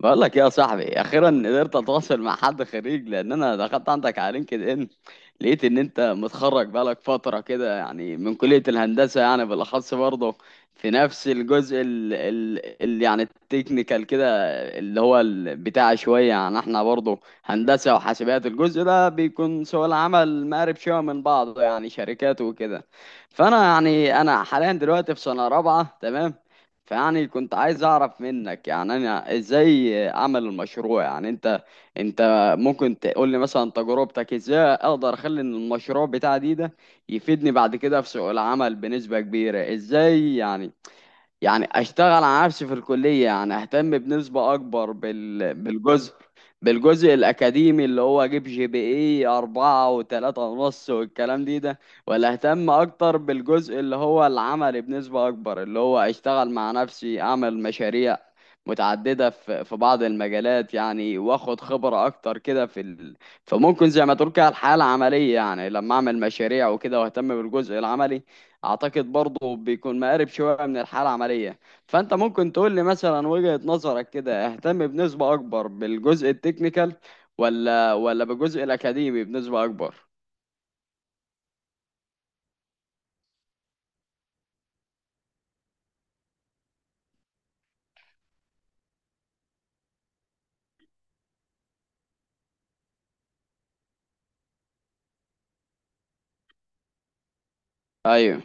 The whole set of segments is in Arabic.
بقول لك إيه يا صاحبي؟ اخيرا قدرت اتواصل مع حد خريج، لان انا دخلت عندك على لينكد ان، لقيت ان انت متخرج بقالك فتره كده يعني، من كليه الهندسه، يعني بالاخص برضه في نفس الجزء ال يعني التكنيكال كده، اللي هو بتاع شويه. يعني احنا برضه هندسه وحاسبات، الجزء ده بيكون سوق العمل مقارب شويه من بعضه، يعني شركات وكده. فانا يعني انا حاليا دلوقتي في سنه رابعه، تمام. فيعني كنت عايز اعرف منك، يعني انا ازاي اعمل المشروع؟ يعني انت ممكن تقول لي مثلا تجربتك؟ ازاي اقدر اخلي إن المشروع بتاعي دي ده يفيدني بعد كده في سوق العمل بنسبة كبيرة؟ ازاي يعني اشتغل على نفسي في الكلية، يعني اهتم بنسبة اكبر بالجزء الاكاديمي، اللي هو اجيب GPA 4 و3.5 والكلام دي ده، ولا اهتم اكتر بالجزء اللي هو العملي بنسبة اكبر، اللي هو اشتغل مع نفسي، اعمل مشاريع متعددة في بعض المجالات، يعني واخد خبرة اكتر كده فممكن زي ما تقول كده الحياة العملية، يعني لما اعمل مشاريع وكده واهتم بالجزء العملي، اعتقد برضه بيكون مقارب شويه من الحاله العمليه. فانت ممكن تقول لي مثلا وجهه نظرك كده، اهتم بنسبه اكبر بالجزء التكنيكال، ولا بالجزء الاكاديمي بنسبه اكبر؟ ايوه،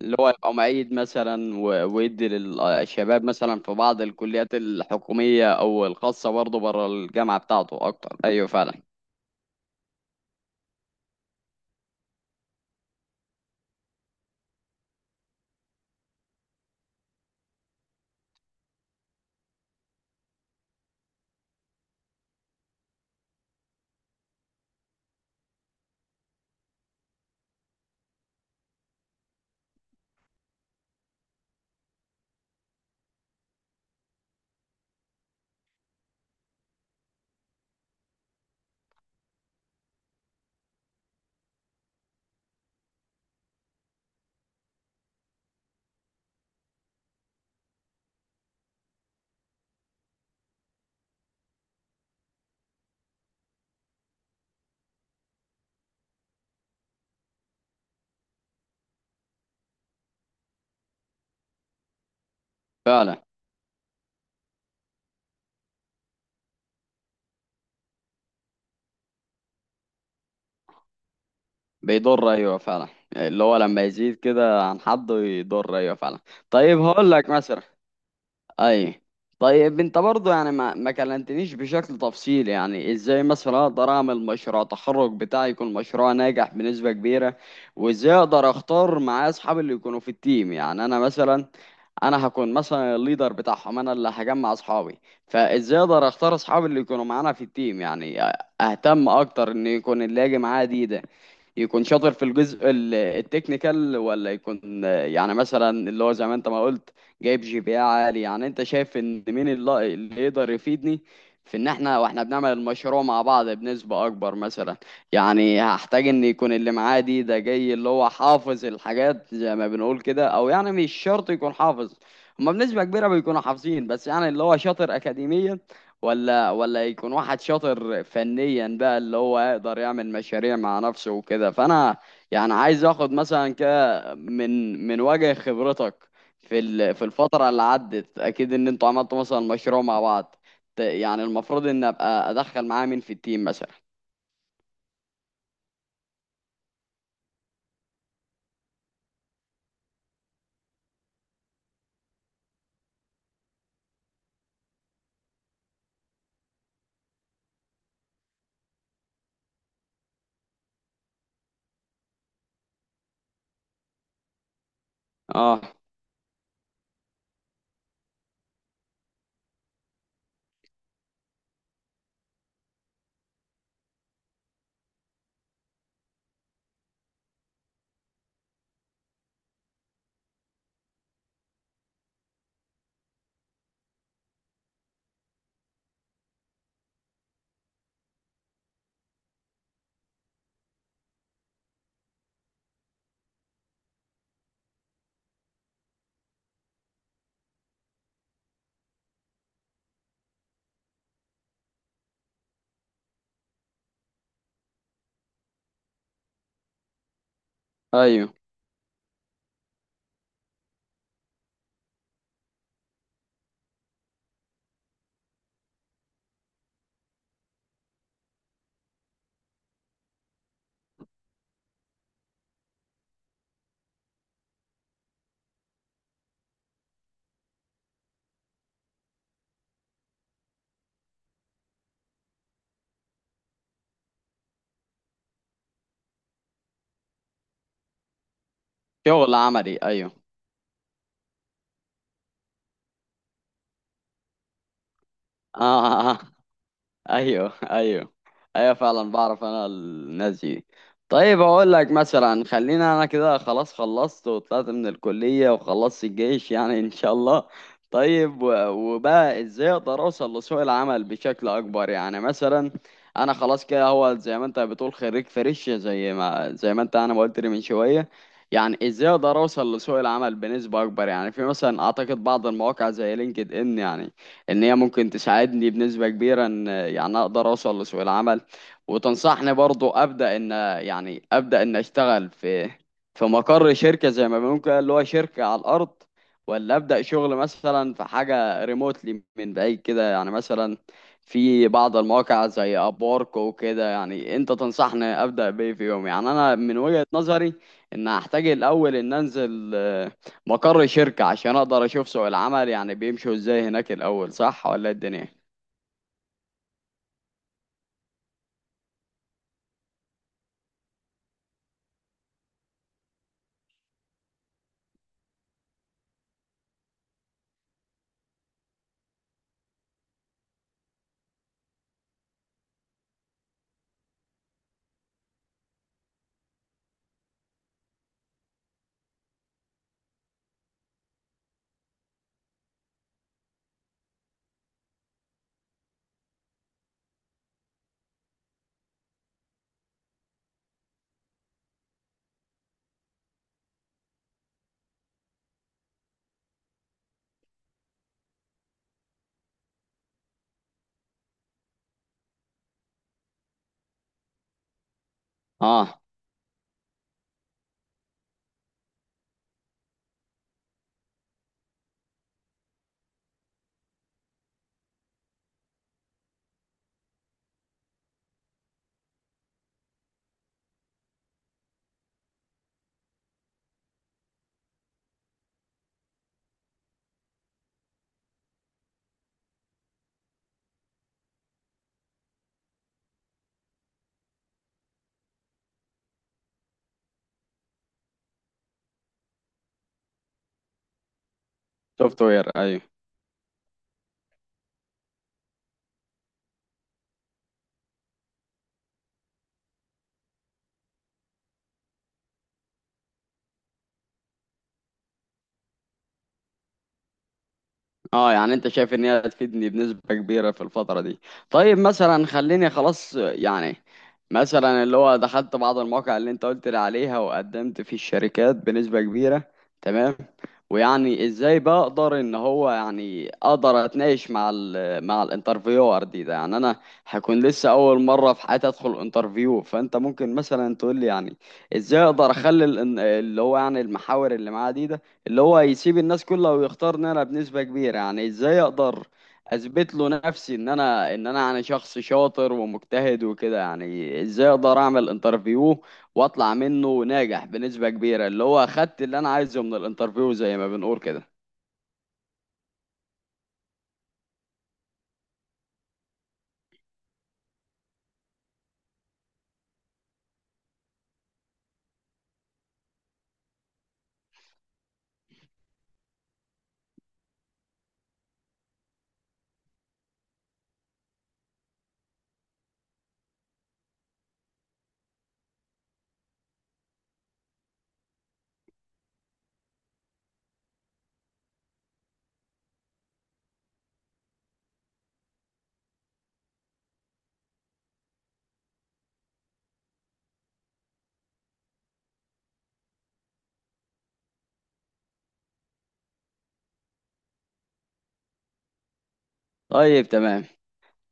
اللي هو يبقى معيد مثلا ويدي للشباب مثلا في بعض الكليات الحكوميه او الخاصه، برضه بره الجامعه بتاعته اكتر، ايوه فعلا. فعلا بيضر، ايوه فعلا. اللي هو لما يزيد كده عن حده يضر، ايوه فعلا. طيب هقول لك مثلا، اي، طيب انت برضه يعني ما كلمتنيش بشكل تفصيلي، يعني ازاي مثلا اقدر اعمل مشروع تخرج بتاعي يكون مشروع ناجح بنسبة كبيرة؟ وازاي اقدر اختار معايا اصحابي اللي يكونوا في التيم؟ يعني انا هكون مثلا الليدر بتاعهم، انا اللي هجمع اصحابي. فازاي اقدر اختار اصحابي اللي يكونوا معانا في التيم؟ يعني اهتم اكتر ان يكون اللي هاجي معايا دي يكون شاطر في الجزء التكنيكال، ولا يكون، يعني مثلا اللي هو زي ما انت ما قلت، جايب GPA عالي؟ يعني انت شايف ان مين اللي يقدر يفيدني في ان احنا بنعمل المشروع مع بعض بنسبة اكبر مثلا؟ يعني هحتاج ان يكون اللي معاه دي ده جاي اللي هو حافظ الحاجات زي ما بنقول كده، او يعني مش شرط يكون حافظ، هما بنسبة كبيرة بيكونوا حافظين، بس يعني اللي هو شاطر اكاديميا، ولا يكون واحد شاطر فنيا بقى، اللي هو يقدر يعمل مشاريع مع نفسه وكده. فانا يعني عايز اخد مثلا كده من وجه خبرتك في الفترة اللي عدت، اكيد ان انتوا عملتوا مثلا مشروع مع بعض، يعني المفروض ان ابقى ادخل معاه مين في التيم مثلا؟ اه. ايوه، شغل عملي، ايوه. اه. ايوه، ايوه، ايوه فعلا، بعرف انا الناس دي. طيب اقول لك مثلا، خلينا، انا كده خلاص خلصت وطلعت من الكلية وخلصت الجيش يعني ان شاء الله. طيب وبقى ازاي اقدر اوصل لسوق العمل بشكل اكبر؟ يعني مثلا انا خلاص كده، هو زي ما انت بتقول خريج فريش، زي ما انت ما قلت لي من شوية. يعني ازاي اقدر اوصل لسوق العمل بنسبة اكبر؟ يعني في مثلا اعتقد بعض المواقع زي لينكد ان يعني، ان هي ممكن تساعدني بنسبة كبيرة ان يعني اقدر اوصل لسوق العمل. وتنصحني برضو ابدا ان، يعني ابدا ان اشتغل في مقر شركة زي ما ممكن اللي هو شركة على الارض، ولا ابدا شغل مثلا في حاجة ريموتلي من بعيد كده؟ يعني مثلا في بعض المواقع زي ابورك وكده، يعني انت تنصحني ابدا بايه في يوم؟ يعني انا من وجهة نظري ان هحتاج الاول ان انزل مقر الشركة عشان أقدر أشوف سوق العمل يعني بيمشوا إزاي هناك الأول، صح ولا إيه الدنيا؟ آه، سوفت وير، أيوه. اه يعني انت شايف ان هي هتفيدني بنسبة كبيرة في الفترة دي؟ طيب مثلا خليني خلاص يعني، مثلا اللي هو دخلت بعض المواقع اللي انت قلت لي عليها وقدمت في الشركات بنسبة كبيرة، تمام. ويعني ازاي بقدر ان هو، يعني اقدر اتناقش مع مع الانترفيور دي ده؟ يعني انا هكون لسه اول مرة في حياتي ادخل انترفيو. فانت ممكن مثلا تقول لي يعني، ازاي اقدر اخلي اللي هو يعني المحاور اللي معاه دي ده، اللي هو يسيب الناس كلها ويختار ان انا بنسبة كبيرة؟ يعني ازاي اقدر اثبت له نفسي ان انا يعني شخص شاطر ومجتهد وكده؟ يعني ازاي اقدر اعمل انترفيو واطلع منه ناجح بنسبة كبيرة، اللي هو اخدت اللي انا عايزه من الانترفيو زي ما بنقول كده؟ طيب، تمام.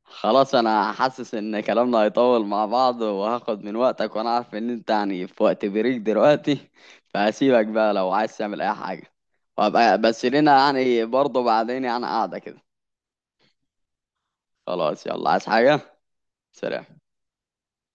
خلاص انا حاسس ان كلامنا هيطول مع بعض وهاخد من وقتك، وانا عارف ان انت يعني في وقت بريك دلوقتي، فهسيبك بقى لو عايز تعمل اي حاجة. وابقى بس لنا يعني برضه بعدين، يعني قاعدة كده. خلاص يلا، عايز حاجة؟ سلام.